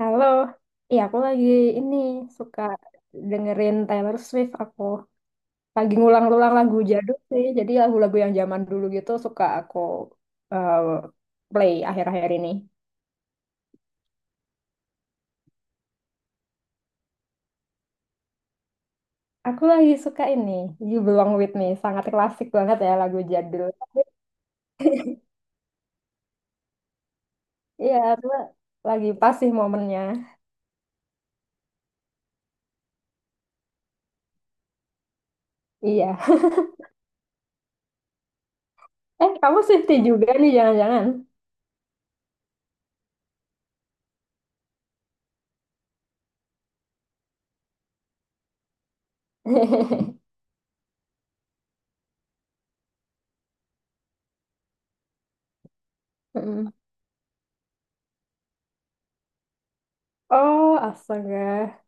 Halo, iya aku lagi ini suka dengerin Taylor Swift aku. Lagi ngulang-ulang lagu jadul sih, jadi lagu-lagu yang zaman dulu gitu suka aku eh, play akhir-akhir ini. Aku lagi suka ini, You Belong With Me, sangat klasik banget ya lagu jadul. Iya, cuma lagi pas sih momennya. Iya. Eh, kamu Swiftie juga nih jangan-jangan. Mm. Oh, astaga.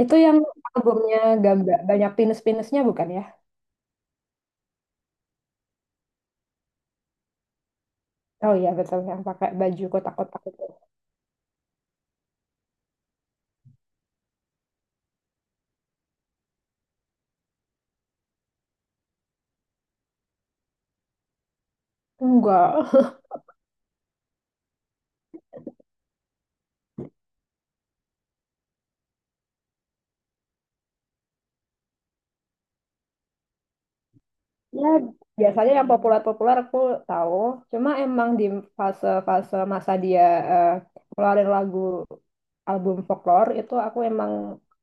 Itu yang albumnya gambar banyak pinus-pinusnya bukan ya? Oh iya betul yang pakai baju kotak-kotak itu. Enggak. Ya biasanya yang populer-populer aku tahu. Cuma emang di fase-fase masa dia eh, keluarin lagu album folklore itu aku emang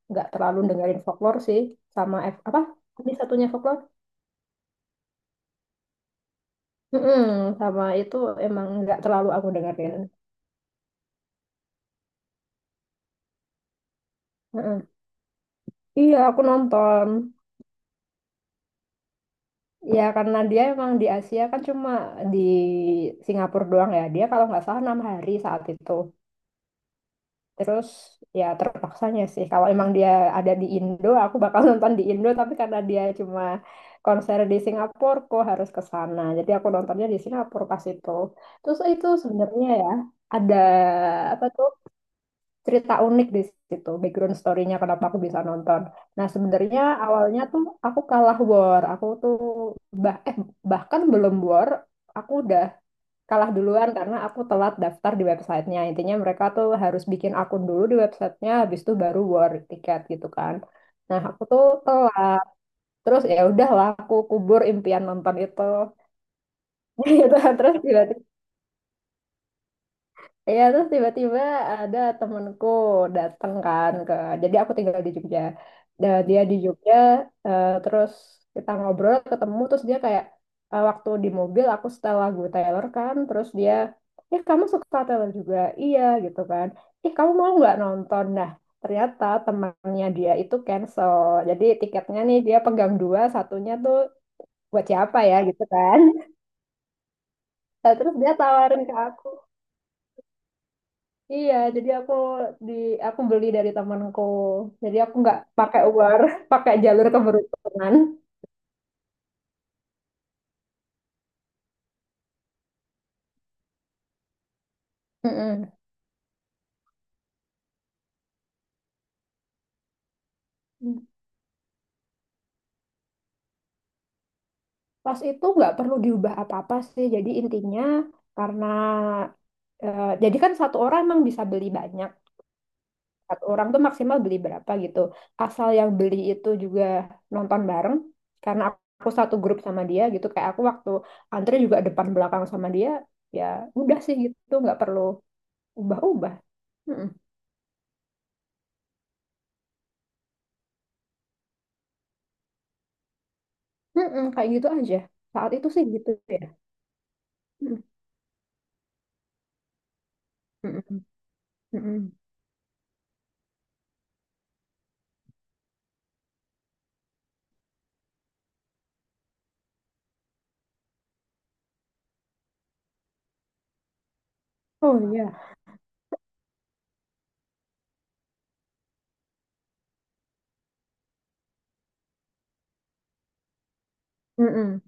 nggak terlalu dengerin folklore sih sama apa tadi satunya folklore? Mm-mm, sama itu emang nggak terlalu aku dengerin. Mm-mm. Iya aku nonton. Ya karena dia emang di Asia kan cuma di Singapura doang ya. Dia kalau nggak salah 6 hari saat itu. Terus ya terpaksanya sih. Kalau emang dia ada di Indo, aku bakal nonton di Indo. Tapi karena dia cuma konser di Singapura, kok harus ke sana. Jadi aku nontonnya di Singapura pas itu. Terus itu sebenarnya ya ada apa tuh cerita unik di situ. Background story-nya kenapa aku bisa nonton. Nah sebenarnya awalnya tuh aku kalah war. Aku tuh bah eh bahkan belum war. Aku udah kalah duluan karena aku telat daftar di websitenya. Intinya mereka tuh harus bikin akun dulu di websitenya, habis itu baru war tiket gitu kan. Nah aku tuh telat, terus ya udahlah aku kubur impian nonton itu. Gitu. Terus tiba-tiba Iya, terus tiba-tiba ada temenku datang kan jadi aku tinggal di Jogja. Dan dia di Jogja, terus kita ngobrol, ketemu, terus dia kayak, waktu di mobil aku setel lagu Taylor kan, terus dia, eh kamu suka Taylor juga? Iya gitu kan. Ih kamu mau nggak nonton? Nah ternyata temannya dia itu cancel, jadi tiketnya nih dia pegang dua, satunya tuh buat siapa ya gitu kan. Nah, terus dia tawarin ke aku. Iya, jadi di aku beli dari temanku. Jadi aku nggak pakai Uber, pakai jalur keberuntungan. Mm-mm. Pas itu nggak perlu diubah apa-apa sih. Jadi intinya karena jadi kan satu orang emang bisa beli banyak. Satu orang tuh maksimal beli berapa gitu. Asal yang beli itu juga nonton bareng. Karena aku satu grup sama dia gitu. Kayak aku waktu antri juga depan belakang sama dia. Ya udah sih gitu, nggak perlu ubah-ubah. Mm-mm, kayak gitu aja. Saat itu sih gitu ya. Mm, mm-mm, mm-mm. Oh iya. Mm-mm.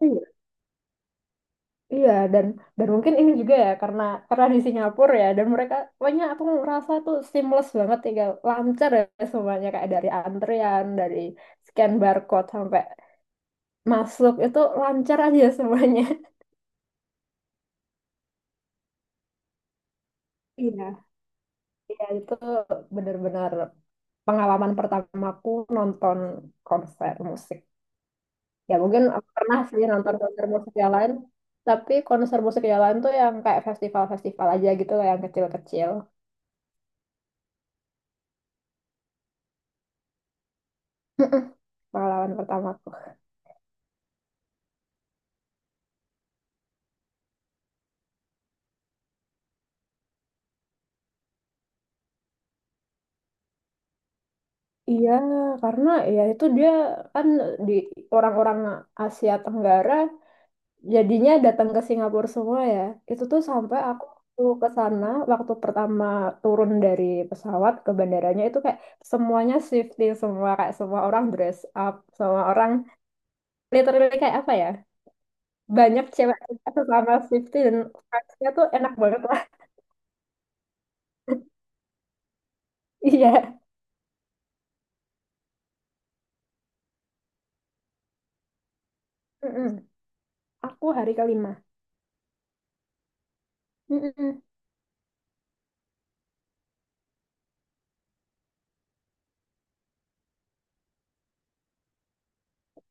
Iya, iya dan mungkin ini juga ya karena di Singapura ya dan mereka banyak, aku ngerasa tuh seamless banget, tinggal lancar ya semuanya, kayak dari antrian, dari scan barcode sampai masuk itu lancar aja semuanya. Iya, iya itu benar-benar pengalaman pertamaku nonton konser musik. Ya mungkin aku pernah sih nonton konser musik yang lain, tapi konser musik yang lain tuh yang kayak festival-festival aja gitu loh, yang kecil-kecil. Pengalaman pertamaku. Iya, karena ya itu dia kan di orang-orang Asia Tenggara jadinya datang ke Singapura semua ya. Itu tuh sampai aku tuh ke sana waktu pertama turun dari pesawat ke bandaranya itu kayak semuanya shifting semua, kayak semua orang dress up, semua orang literally kayak apa ya? Banyak cewek sesama Swiftie dan vibes-nya tuh enak banget lah. Iya. Mm-mm. Aku hari kelima. Mm-mm.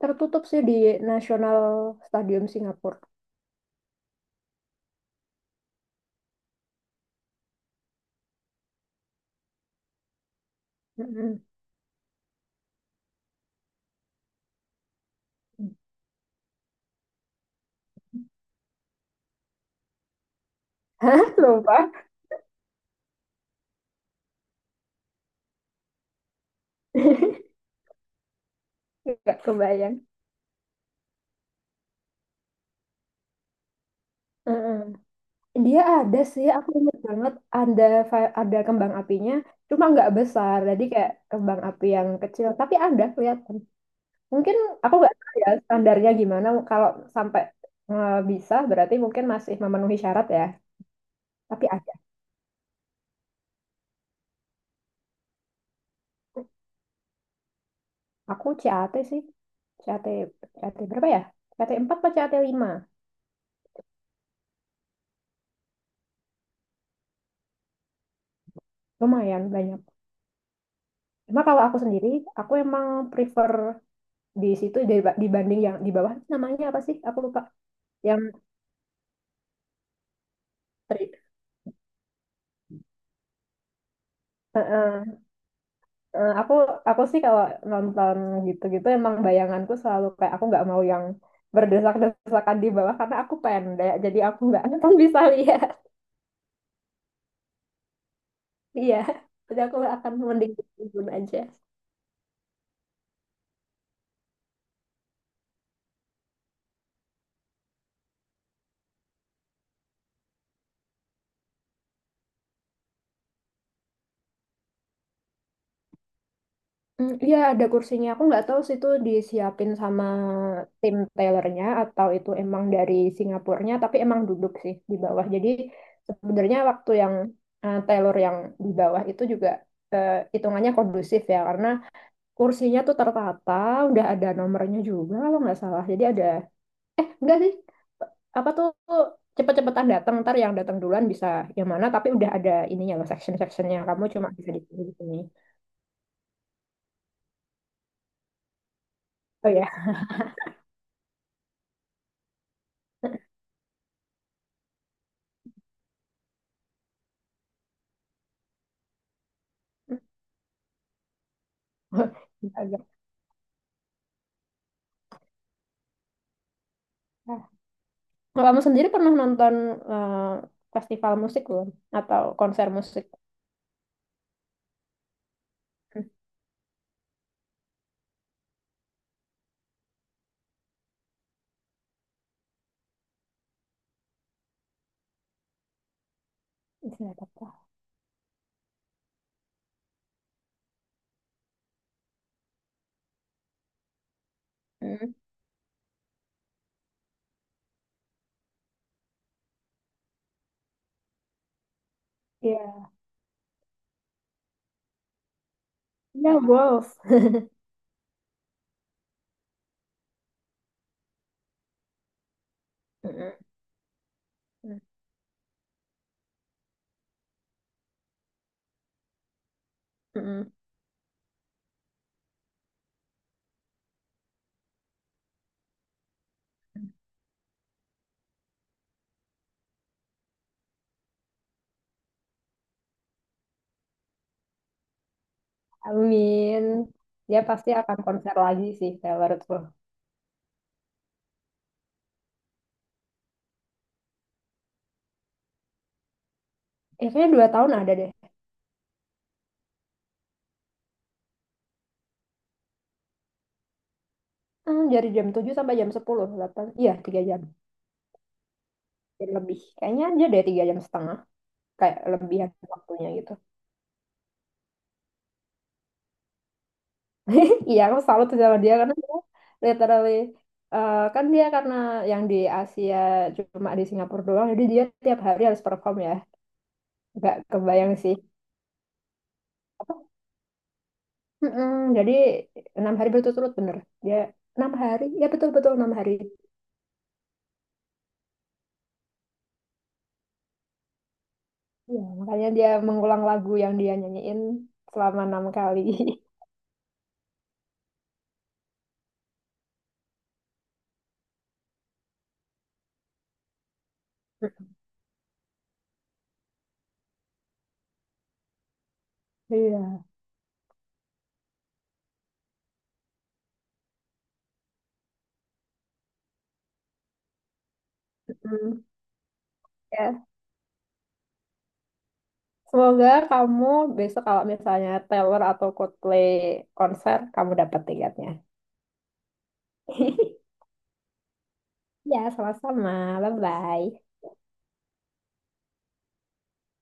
Tertutup sih di National Stadium Singapura. Mm-mm. Hah? Lupa? Nggak kebayang. Mm-mm. Dia ada sih, aku ingat banget ada ada kembang apinya, cuma nggak besar, jadi kayak kembang api yang kecil, tapi ada, kelihatan. Mungkin aku nggak tahu ya standarnya gimana, kalau sampai bisa berarti mungkin masih memenuhi syarat ya. Tapi ada. Aku CAT sih. CAT, CAT berapa ya? CAT 4 atau CAT 5. Lumayan banyak. Cuma kalau aku sendiri, aku emang prefer di situ, dibanding yang di bawah namanya apa sih? Aku lupa. Yang tri- eh, eh, eh, aku sih kalau nonton gitu-gitu emang bayanganku selalu kayak aku nggak mau yang berdesak-desakan di bawah karena aku pendek jadi aku nggak akan bisa lihat. Iya, jadi aku akan mending di tribun aja. Mm, iya ada kursinya. Aku nggak tahu sih itu disiapin sama tim tailornya atau itu emang dari Singapurnya, tapi emang duduk sih di bawah. Jadi sebenarnya waktu yang tailor yang di bawah itu juga hitungannya kondusif ya, karena kursinya tuh tertata, udah ada nomornya juga kalau nggak salah. Jadi ada, eh enggak sih, apa tuh cepet-cepetan datang, ntar yang datang duluan bisa yang mana, tapi udah ada ininya loh section-sectionnya. Kamu cuma bisa di sini di sini. Oh ya. Agak. Nah, kamu sendiri pernah nonton eh, festival musik belum? Atau konser musik? Hmm. Itu apa? Hmm. Iya. Iya, Wolf. Mm-mm. Mm-mm. Amin. Dia pasti akan konser lagi sih, Taylor Swift. Eh, kayaknya 2 tahun ada deh. Hmm, dari jam 7 sampai jam 10 8. Iya, 3 jam. Jadi lebih. Kayaknya dia deh 3,5 jam. Kayak lebihan waktunya gitu. Iya, aku salut sama dia karena dia literally kan dia karena yang di Asia cuma di Singapura doang, jadi dia tiap hari harus perform ya. Gak kebayang sih. Apa? Mm-mm, jadi 6 hari berturut-turut bener. Dia 6 hari, ya betul-betul 6 hari. Iya, makanya dia mengulang lagu yang dia nyanyiin selama 6 kali. Iya. Mm. Ya. Semoga kamu besok kalau misalnya Taylor atau Coldplay konser, kamu dapat tiketnya. Ya, sama-sama. Bye-bye.